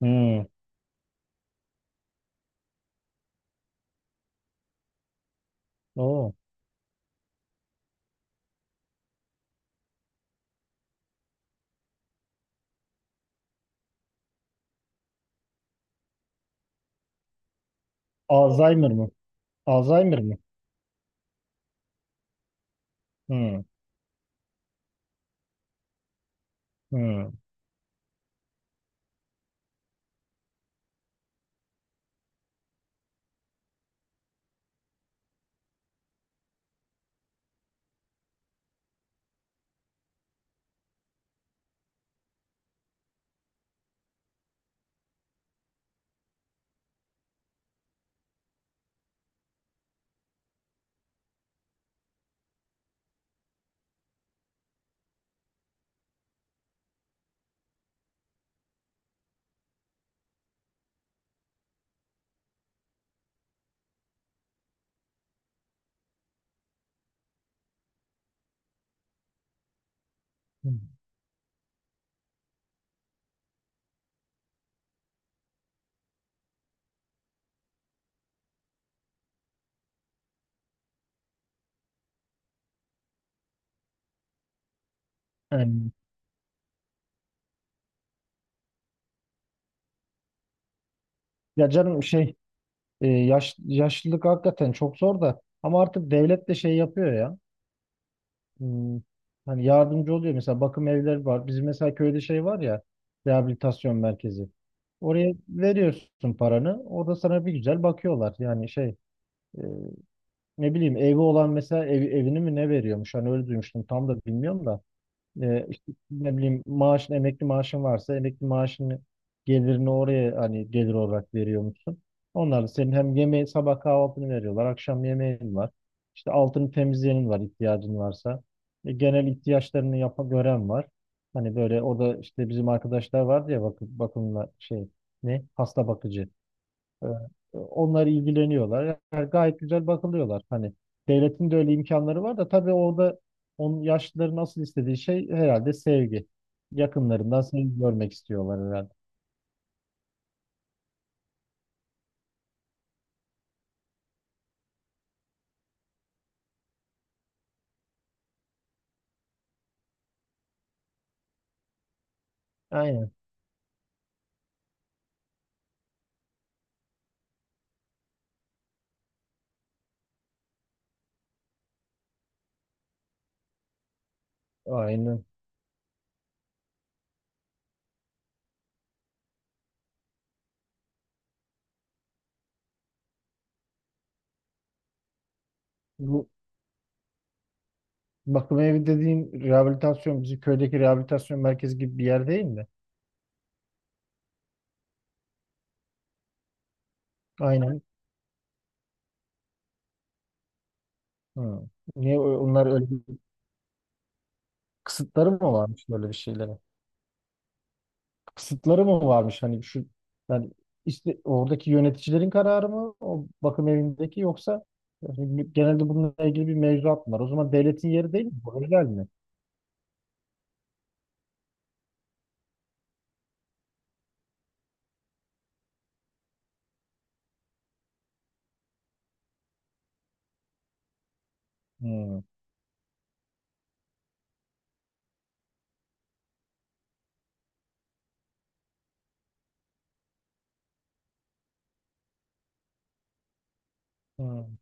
Hmm. Oo. Alzheimer mı? Alzheimer mı? Hmm. Hmm. Hmm. Yani, ya canım şey yaşlılık hakikaten çok zor da ama artık devlet de şey yapıyor ya. Hmm. Hani yardımcı oluyor mesela bakım evleri var. Bizim mesela köyde şey var ya rehabilitasyon merkezi. Oraya veriyorsun paranı. Orada sana bir güzel bakıyorlar. Yani şey e, ne bileyim evi olan mesela evini mi ne veriyormuş? Hani öyle duymuştum. Tam da bilmiyorum da. İşte ne bileyim maaşın emekli maaşın varsa emekli maaşını gelirini oraya hani gelir olarak veriyor musun? Onlar da senin hem yemeği sabah kahvaltını veriyorlar. Akşam yemeğin var. İşte altını temizleyenin var ihtiyacın varsa. Genel ihtiyaçlarını yapa gören var. Hani böyle orada işte bizim arkadaşlar vardı ya bakımla şey ne hasta bakıcı. Ee, Onlar ilgileniyorlar. Yani gayet güzel bakılıyorlar. Hani devletin de öyle imkanları var da tabii orada onun yaşlıların nasıl istediği şey herhalde sevgi. Yakınlarından sevgi görmek istiyorlar herhalde. Aynen. Aynen. Bu bakım evi dediğin rehabilitasyon, bizim köydeki rehabilitasyon merkezi gibi bir yer değil mi? Aynen. Hı. Niye onlar öyle bir kısıtları mı varmış böyle bir şeylere? Kısıtları mı varmış hani şu yani işte oradaki yöneticilerin kararı mı o bakım evindeki yoksa yani genelde bununla ilgili bir mevzuat mı var? O zaman devletin yeri değil mi? Bu özel mi? Hmm. Hmm.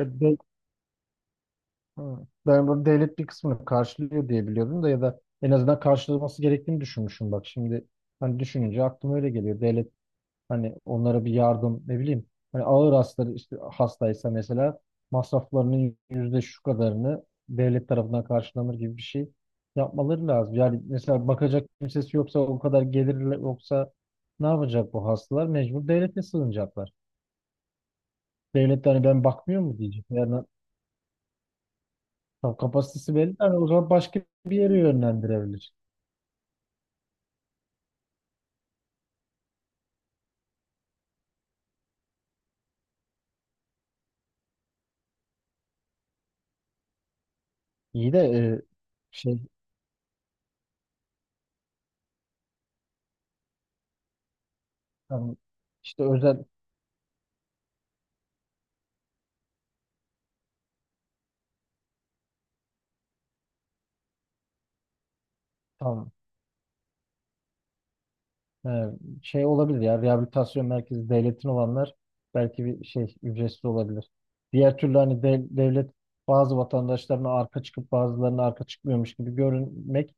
E, de- hmm. Ben bunu devlet bir kısmını karşılıyor diye biliyordum da ya da en azından karşılaması gerektiğini düşünmüşüm bak şimdi hani düşününce aklıma öyle geliyor. Devlet hani onlara bir yardım ne bileyim. Hani ağır hastaları işte hastaysa mesela masraflarının yüzde şu kadarını devlet tarafından karşılanır gibi bir şey yapmaları lazım. Yani mesela bakacak kimsesi yoksa o kadar gelir yoksa ne yapacak bu hastalar? Mecbur devlete sığınacaklar. Devlet de hani ben bakmıyor mu diyecek. Yani tam kapasitesi belli. Yani o zaman başka bir yere yönlendirebilir. İyi de şey tam işte özel tam. He, şey olabilir ya rehabilitasyon merkezi devletin olanlar belki bir şey ücretsiz olabilir. Diğer türlü hani devlet bazı vatandaşlarına arka çıkıp bazılarına arka çıkmıyormuş gibi görünmek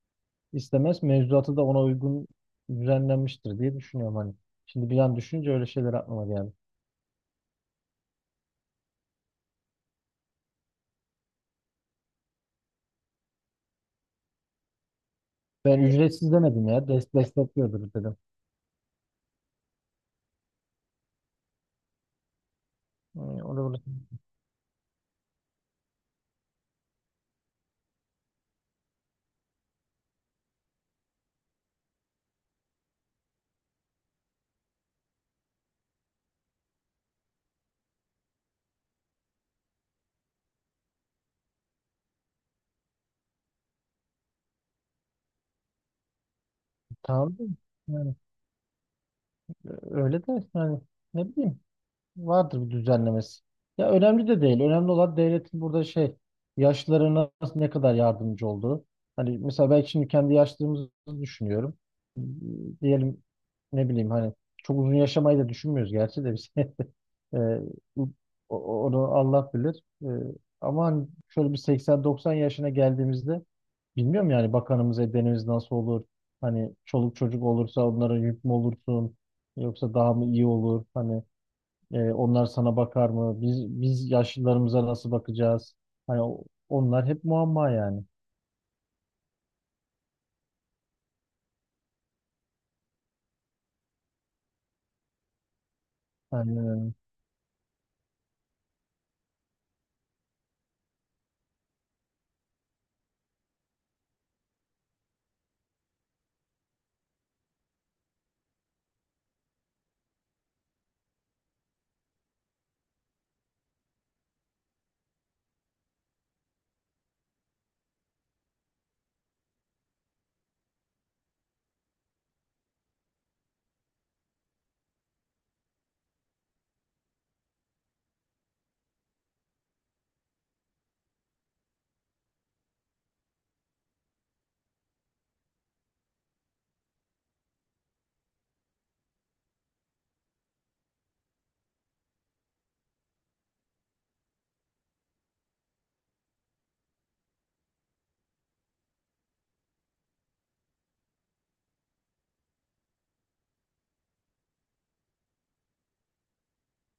istemez. Mevzuatı da ona uygun düzenlenmiştir diye düşünüyorum hani. Şimdi bir an düşününce öyle şeyler aklıma geldi. Evet. Ücretsiz demedim ya. Destekliyordur dedim. Yani, orada, orada. Tamam. Yani, öyle de yani ne bileyim. Vardır bir düzenlemesi. Ya önemli de değil. Önemli olan devletin burada şey yaşlılarına ne kadar yardımcı olduğu. Hani mesela ben şimdi kendi yaşlılığımızı düşünüyorum. Diyelim ne bileyim hani çok uzun yaşamayı da düşünmüyoruz gerçi de biz. Ee, Onu Allah bilir. Ama hani şöyle bir 80-90 yaşına geldiğimizde bilmiyorum yani bakanımız edenimiz nasıl olur? Hani çoluk çocuk olursa onlara yük mü olursun? Yoksa daha mı iyi olur? Hani onlar sana bakar mı? Biz yaşlılarımıza nasıl bakacağız? Hani onlar hep muamma yani. Yani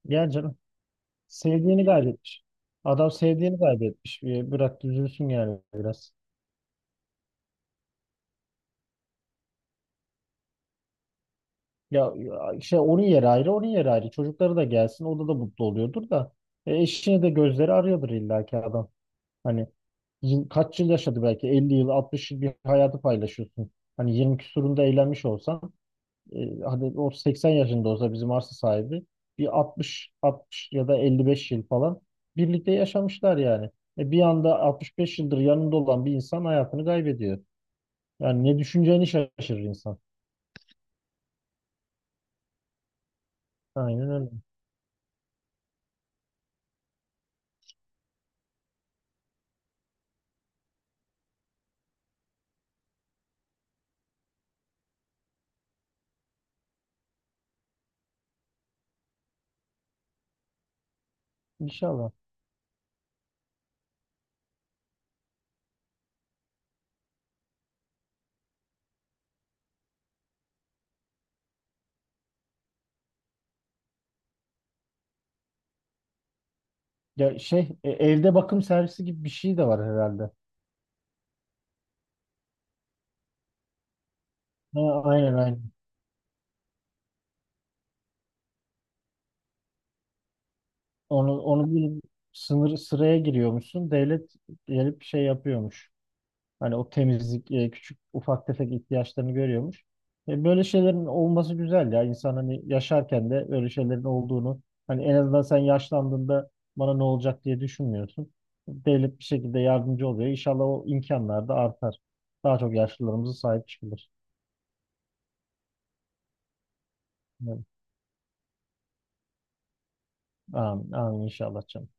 yani canım sevdiğini kaybetmiş. Adam sevdiğini kaybetmiş. Bırak üzülsün yani biraz. Ya şey onun yeri ayrı, onun yeri ayrı. Çocukları da gelsin, o da mutlu oluyordur da. Eşini de gözleri arıyordur illaki adam. Hani kaç yıl yaşadı belki 50 yıl 60 yıl bir hayatı paylaşıyorsun. Hani 20 küsurunda eğlenmiş olsan hadi o 80 yaşında olsa bizim arsa sahibi bir 60 ya da 55 yıl falan birlikte yaşamışlar yani. E bir anda 65 yıldır yanında olan bir insan hayatını kaybediyor. Yani ne düşüneceğini şaşırır insan. Aynen öyle. İnşallah. Ya şey evde bakım servisi gibi bir şey de var herhalde. Ha, aynen aynen. Onu bir sıraya giriyormuşsun. Devlet gelip şey yapıyormuş. Hani o temizlik, küçük ufak tefek ihtiyaçlarını görüyormuş. Böyle şeylerin olması güzel ya. İnsan hani yaşarken de böyle şeylerin olduğunu hani en azından sen yaşlandığında bana ne olacak diye düşünmüyorsun. Devlet bir şekilde yardımcı oluyor. İnşallah o imkanlar da artar. Daha çok yaşlılarımıza sahip çıkılır. Evet. Amin, amin inşallah canım.